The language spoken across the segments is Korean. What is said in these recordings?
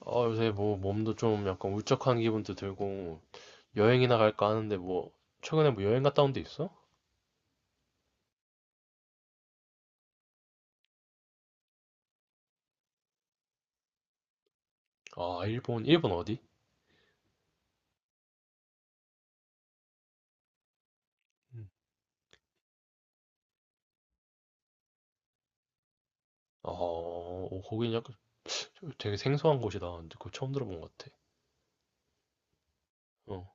어, 요새 뭐 몸도 좀 약간 울적한 기분도 들고 여행이나 갈까 하는데 뭐 최근에 뭐 여행 갔다 온 데 있어? 아, 일본, 일본 어디? 음. 어, 어, 거긴 약간 되게 생소한 곳이다. 근데 그거 처음 들어본 것 같아. 어,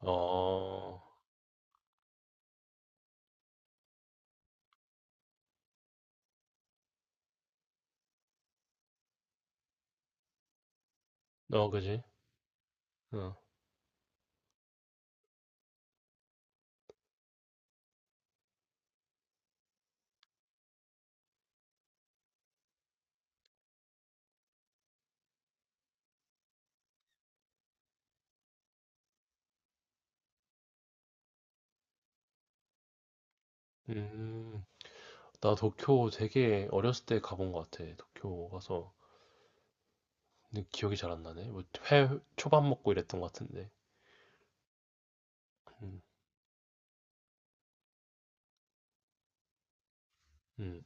어, 어, 그지? 어, 음, 나 도쿄 되게 어렸을 때 가본 것 같아. 도쿄 가서 근데 기억이 잘 안 나네. 뭐회 초밥 먹고 이랬던 것 같은데. 음, 음,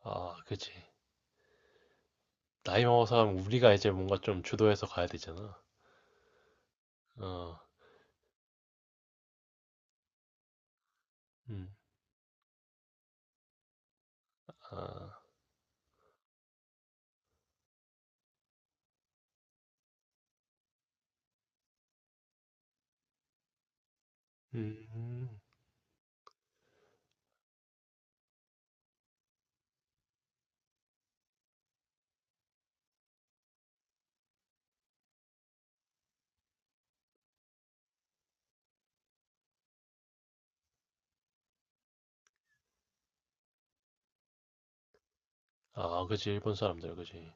아, 그지. 나이 먹어서 가면 우리가 이제 뭔가 좀 주도해서 가야 되잖아. 어, 음. 아, 음. 아, 그지. 일본 사람들, 그지.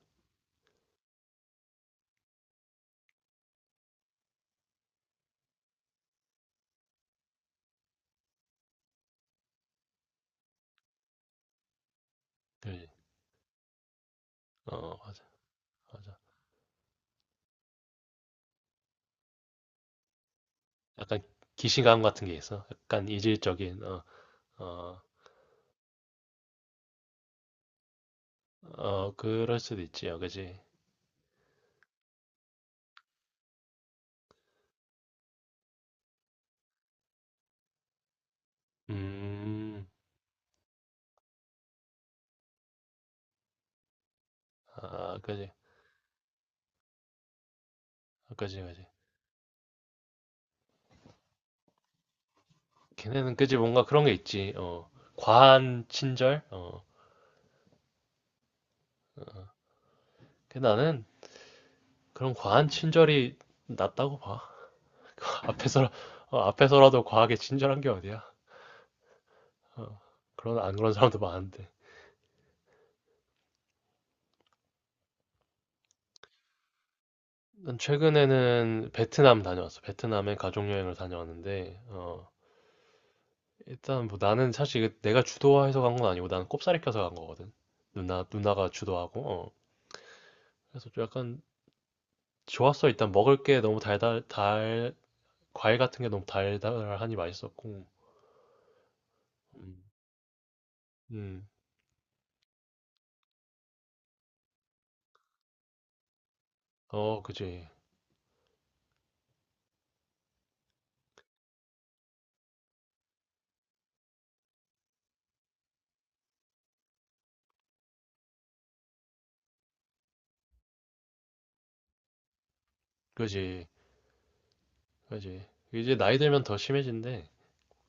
그지. 어, 맞아, 맞아. 약간 기시감 같은 게 있어. 약간 이질적인, 어, 어, 어, 그럴 수도 있지, 어, 그지. 음. 아, 그지. 아, 그지, 그지. 걔네는 그지 뭔가 그런 게 있지. 어, 과한 친절? 어, 그 나는 그런 과한 친절이 낫다고 봐. 앞에서, 어, 앞에서라도 과하게 친절한 게 어디야? 어, 그런, 안 그런 사람도 많은데. 최근에는 베트남 다녀왔어. 베트남에 가족여행을 다녀왔는데, 어, 일단 뭐 나는 사실 이게 내가 주도해서 간 건 아니고 나는 꼽사리 껴서 간 거거든. 누나가 주도하고, 어. 그래서 좀 약간 좋았어. 일단 먹을 게 너무 과일 같은 게 너무 달달하니 맛있었고, 음, 음. 어, 그지, 그지, 그지. 이제 나이 들면 더 심해진대.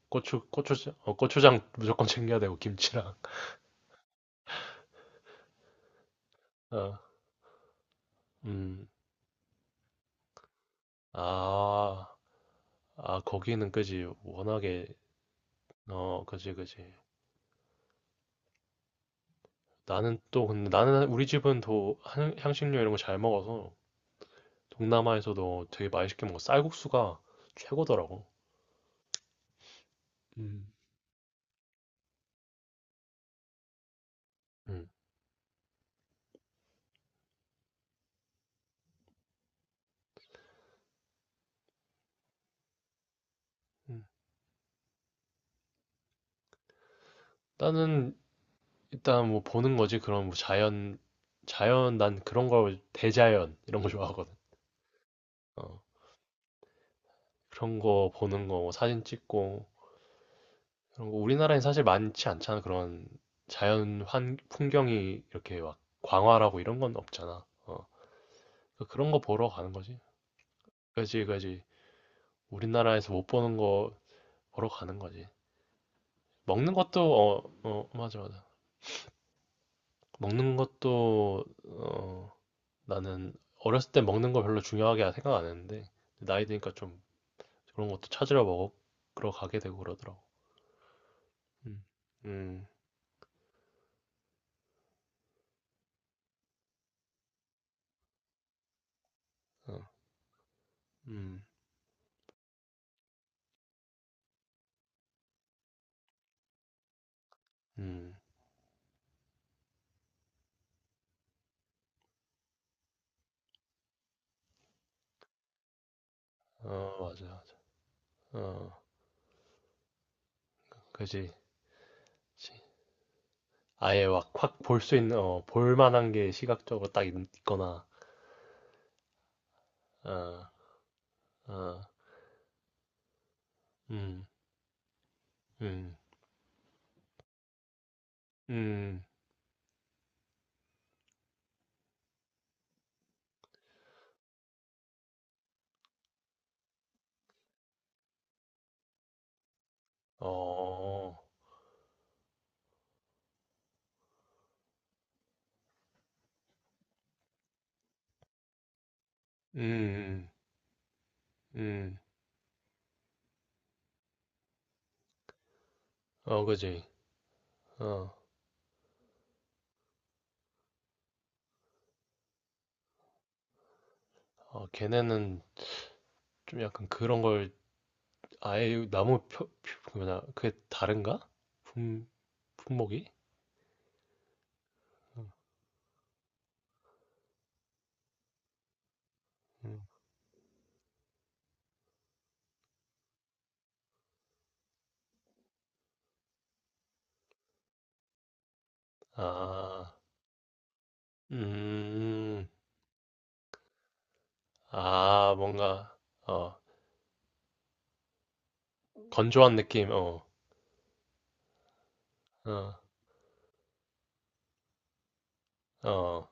고추, 고추, 고추장 무조건 챙겨야 되고, 김치랑. 어, 음. 아, 아, 거기는 그지. 워낙에, 어, 그지, 그지. 나는 또, 근데 나는 우리 집은 더 향신료 이런 거 잘 먹어서 동남아에서도 되게 맛있게 먹어. 쌀국수가 최고더라고. 음, 음. 음. 나는 일단 뭐 보는 거지. 그런 뭐 자연, 난 그런 걸, 대자연, 이런 거 좋아하거든. 어, 그런 거 보는 거뭐 사진 찍고, 그런 거 우리나라엔 사실 많지 않잖아. 그런 자연 풍경이 이렇게 막 광활하고 이런 건 없잖아. 어. 그런 거 보러 가는 거지. 그지, 그지. 우리나라에서 못 보는 거 보러 가는 거지. 먹는 것도, 어, 어, 맞아, 맞아. 먹는 것도, 어, 나는 어렸을 때 먹는 거 별로 중요하게 생각 안 했는데, 나이 드니까 좀 그런 것도 찾으러 먹어, 그러 가게 되고 그러더라고. 음, 음, 어, 음, 음, 어, 맞아, 맞아. 어, 그지. 그지. 아예 확, 확 볼 수 있는, 어, 볼 만한 게 시각적으로 딱 있거나, 어, 어, 음, 음. 음. 어, 음. 음. 음. 어, 그지. 어, 어, 걔네는 좀 약간 그런 걸 아예 나무 그 뭐냐, 그게 다른가? 품, 품목이? 음, 음. 아, 음, 아, 뭔가, 어, 건조한 느낌, 어, 어, 어,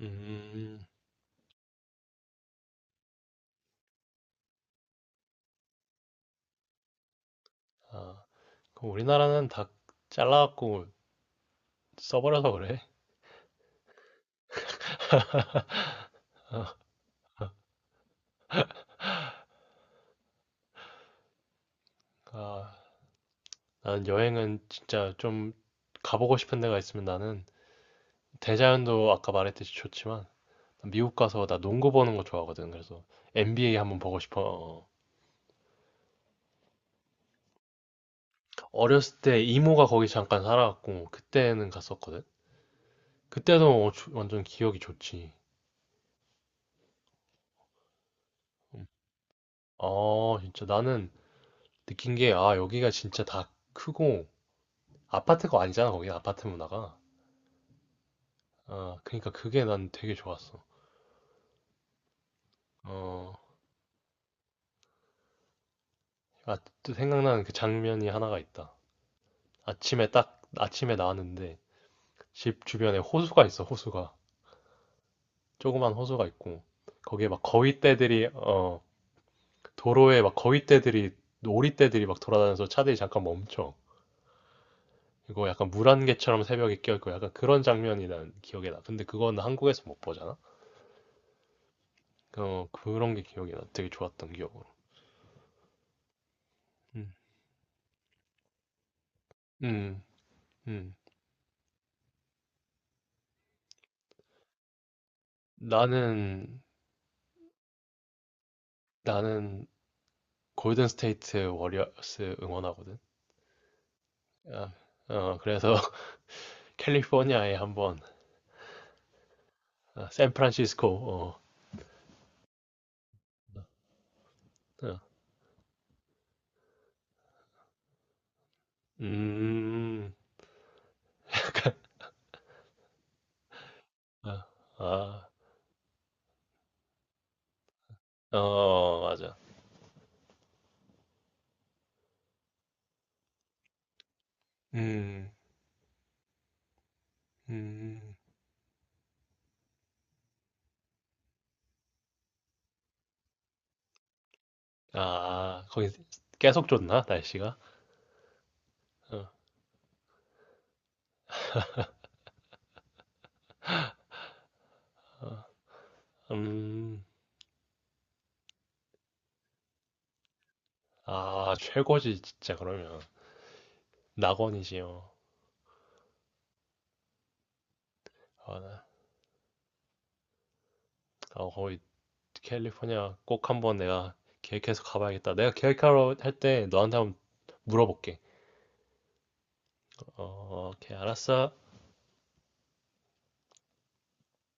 음, 아, 그럼 우리나라는 다 잘라갖고 써버려서 그래. 아, 나는 여행은 진짜 좀 가보고 싶은 데가 있으면 나는 대자연도 아까 말했듯이 좋지만 미국 가서 나 농구 보는 거 좋아하거든. 그래서 NBA 한번 보고 싶어. 어렸을 때 이모가 거기 잠깐 살아갖고 그때는 갔었거든. 그때도 완전 기억이 좋지. 어, 진짜 나는 느낀 게, 아, 여기가 진짜 다 크고, 아파트가 아니잖아, 거기 아파트 문화가. 아, 그러니까 그게 난 되게 좋았어. 어, 아, 또 생각나는 그 장면이 하나가 있다. 아침에 딱 아침에 나왔는데 집 주변에 호수가 있어 호수가 조그만 호수가 있고 거기에 막 거위떼들이 도로에 막 거위떼들이 오리떼들이 막 돌아다녀서 차들이 잠깐 멈춰 이거 약간 물안개처럼 새벽에 껴있고 약간 그런 장면이 난 기억에 나 근데 그건 한국에서 못 보잖아. 어 그런 게 기억이 나 되게 좋았던 기억으로. 음 음, 음. 나는 나는 골든 스테이트 워리어스 응원하거든. 아, 어 그래서 캘리포니아에 한번 아, 샌프란시스코. 어. 어. 음. 아, 아. 어, 맞아. 음. 음. 아, 거기 계속 좋나? 날씨가? 어, 어. 음. 아, 최고지 진짜 그러면. 낙원이지요. 아, 아, 거기 캘리포니아 꼭 한번 내가 계획해서 가봐야겠다. 내가 계획하러 할 때 너한테 한번 물어볼게. 어, 오케이, 알았어.